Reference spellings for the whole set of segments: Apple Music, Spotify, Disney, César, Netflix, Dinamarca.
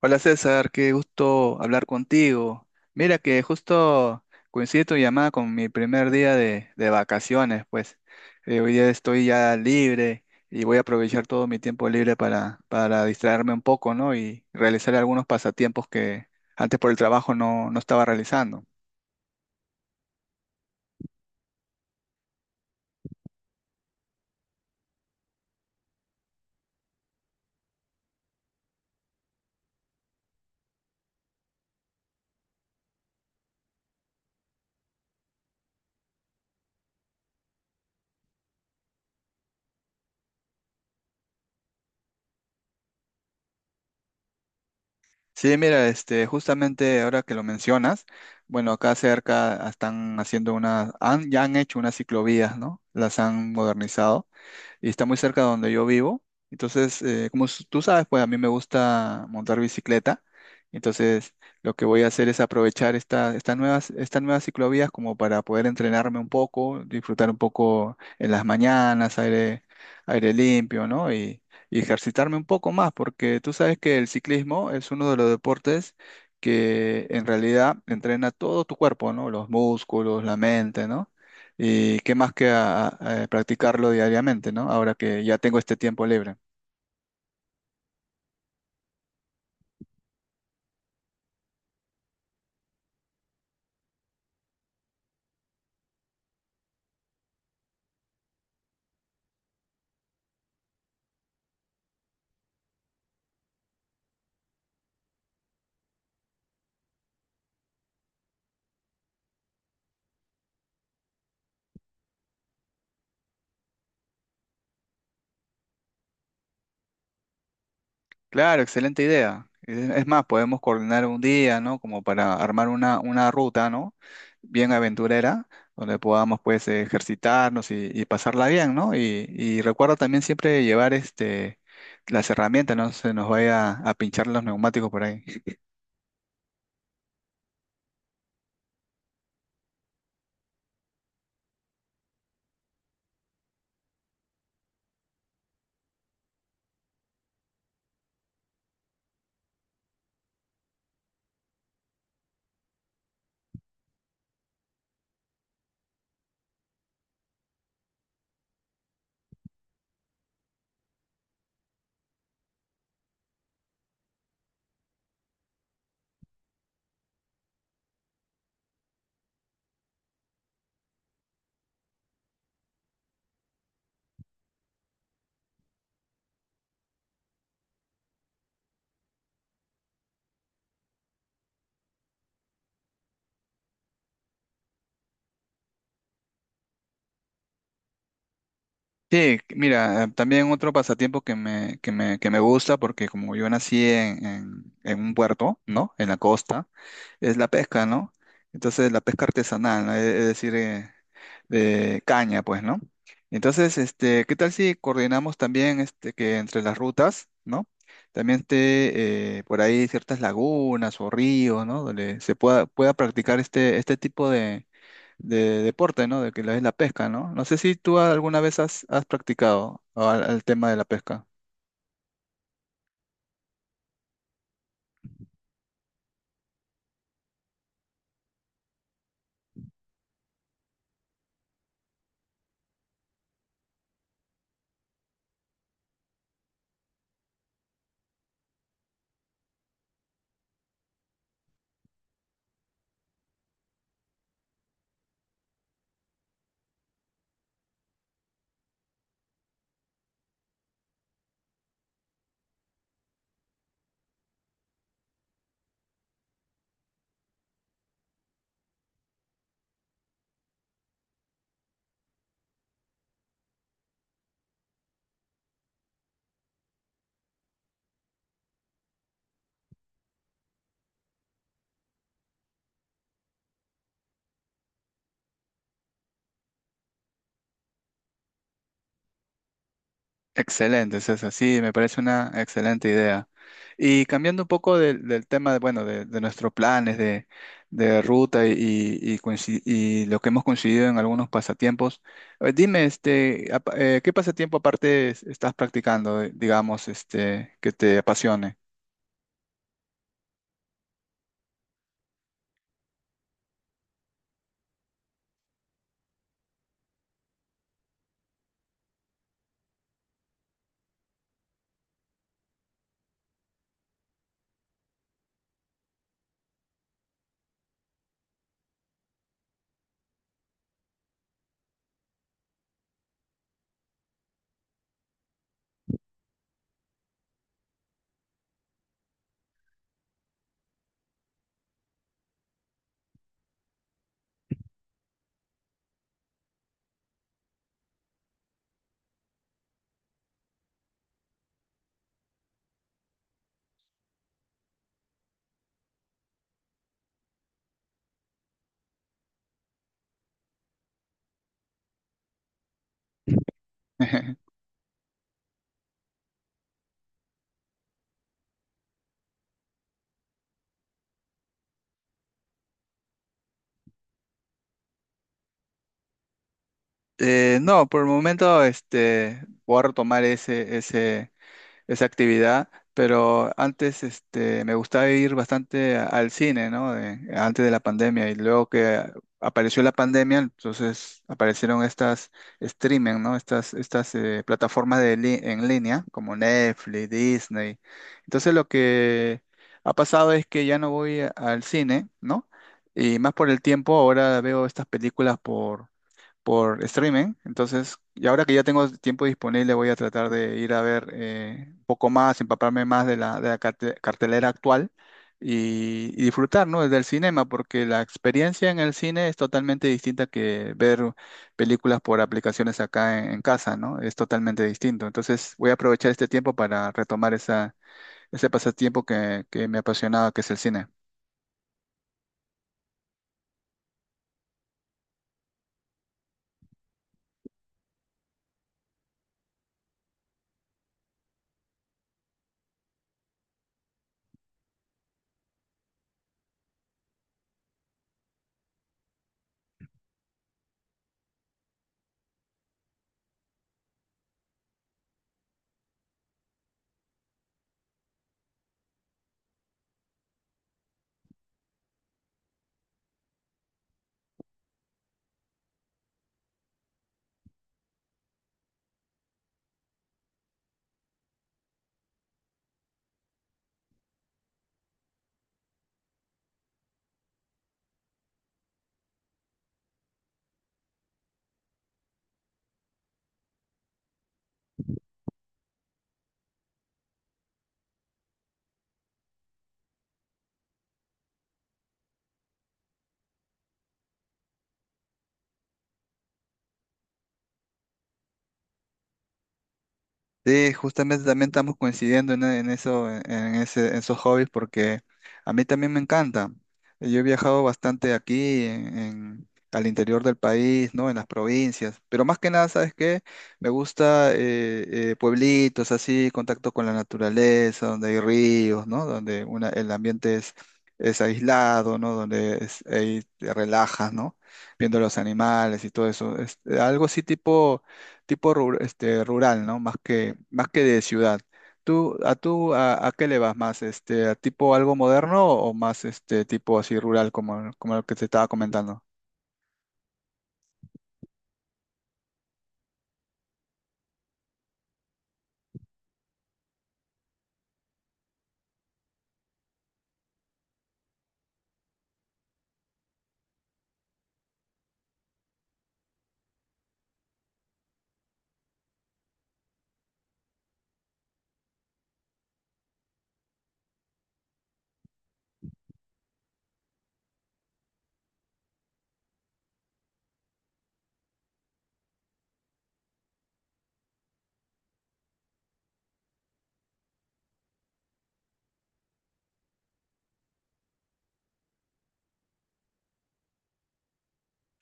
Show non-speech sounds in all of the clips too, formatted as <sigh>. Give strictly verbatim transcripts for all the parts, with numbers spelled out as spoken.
Hola César, qué gusto hablar contigo. Mira que justo coincide tu llamada con mi primer día de, de vacaciones, pues. Eh, hoy día estoy ya libre y voy a aprovechar todo mi tiempo libre para, para distraerme un poco, ¿no? Y realizar algunos pasatiempos que antes por el trabajo no, no estaba realizando. Sí, mira, este, justamente ahora que lo mencionas, bueno, acá cerca están haciendo una, han, ya han hecho unas ciclovías, ¿no? Las han modernizado y está muy cerca de donde yo vivo. Entonces, eh, como s- tú sabes, pues a mí me gusta montar bicicleta. Entonces, lo que voy a hacer es aprovechar esta- estas nuevas, estas nuevas ciclovías como para poder entrenarme un poco, disfrutar un poco en las mañanas, aire, aire limpio, ¿no? Y, y ejercitarme un poco más, porque tú sabes que el ciclismo es uno de los deportes que en realidad entrena todo tu cuerpo, ¿no? Los músculos, la mente, ¿no? Y qué más que a- a- a practicarlo diariamente, ¿no? Ahora que ya tengo este tiempo libre. Claro, excelente idea. Es es más, podemos coordinar un día, ¿no? Como para armar una, una ruta, ¿no? Bien aventurera, donde podamos, pues, ejercitarnos y, y pasarla bien, ¿no? Y, y recuerda también siempre llevar, este, las herramientas, no se nos vaya a pinchar los neumáticos por ahí. Sí, mira, eh, también otro pasatiempo que me, que me, que me gusta, porque como yo nací en, en, en un puerto, ¿no? En la costa, es la pesca, ¿no? Entonces, la pesca artesanal, ¿no? Es es decir, eh, de caña, pues, ¿no? Entonces, este, ¿qué tal si coordinamos también este, que entre las rutas, ¿no? También esté eh, por ahí ciertas lagunas o ríos, ¿no? Donde se pueda, pueda practicar este, este tipo de, de deporte, ¿no? De que la- es la pesca, ¿no? No sé si tú alguna vez has, has practicado ah, al, al tema de la pesca. Excelente, César. Sí, me parece una excelente idea. Y cambiando un poco del del tema, de, bueno, de, de nuestros planes de, de ruta y, y, coinci- y lo que hemos coincidido en algunos pasatiempos, eh, dime, este, apa- eh, ¿qué pasatiempo aparte es- estás practicando, eh, digamos, este, que te apasione? <laughs> Eh, no, por el momento, este, voy a retomar ese, ese esa actividad, pero antes este, me gustaba ir bastante a- al cine, ¿no? De- antes de la pandemia y luego que apareció la pandemia, entonces aparecieron estas streaming, ¿no? Estas, estas eh, plataformas de li- en línea como Netflix, Disney. Entonces lo que ha pasado es que ya no voy a- al cine, ¿no? Y más por el tiempo, ahora veo estas películas por streaming. Entonces, y ahora que ya tengo tiempo disponible, voy a tratar de ir a ver eh, un poco más, empaparme más de la, de la carte- cartelera actual y, y disfrutar, ¿no? Desde el cinema, porque la experiencia en el cine es totalmente distinta que ver películas por aplicaciones acá en, en casa, ¿no? Es totalmente distinto. Entonces, voy a aprovechar este tiempo para retomar esa, ese pasatiempo que, que me apasionaba, que es el cine. Sí, justamente también estamos coincidiendo en, en eso, en en ese, en esos hobbies, porque a mí también me encanta. Yo he viajado bastante aquí, en, en- al interior del país, ¿no? En las provincias, pero más que nada, ¿sabes qué? Me gusta eh, eh, pueblitos así, contacto con la naturaleza, donde hay ríos, ¿no? Donde una, el ambiente es, es aislado, ¿no? Donde es- ahí te relajas, ¿no? Viendo los animales y todo eso. Es, algo así tipo tipo ru- este, rural, ¿no? Más que, más que de ciudad. ¿Tú, a tú, a, a qué le vas más? Este, ¿a tipo algo moderno o más este tipo así rural como, como lo que te estaba comentando?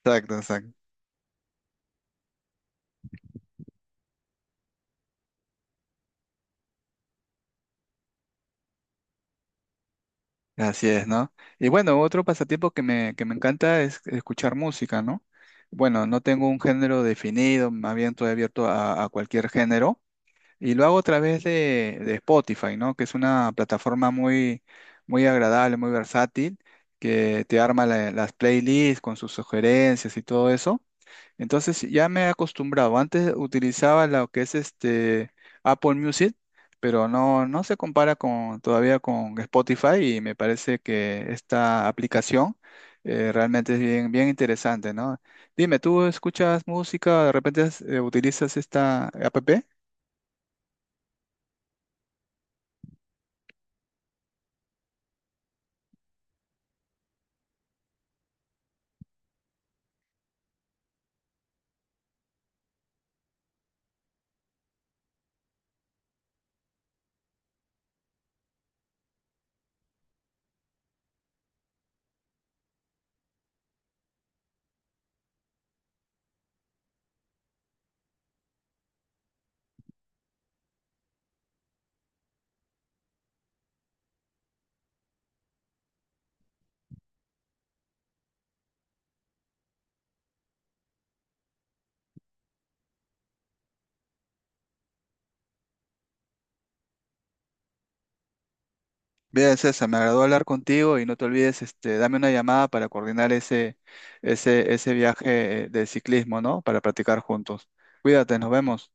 Exacto, exacto. Así es, ¿no? Y bueno, otro pasatiempo que me, que me encanta es escuchar música, ¿no? Bueno, no tengo un género definido, más bien estoy abierto a, a cualquier género. Y lo hago a través de, de Spotify, ¿no? Que es una plataforma muy, muy agradable, muy versátil, que te arma la- las playlists con sus sugerencias y todo eso. Entonces ya me he acostumbrado. Antes utilizaba lo que es este Apple Music, pero no, no se compara con, todavía con Spotify y me parece que esta aplicación eh, realmente es bien, bien interesante, ¿no? Dime, ¿tú escuchas música? ¿De repente eh, utilizas esta app? Bien, César, me agradó hablar contigo y no te olvides, este, dame una llamada para coordinar ese, ese, ese viaje eh, de ciclismo, ¿no? Para practicar juntos. Cuídate, nos vemos.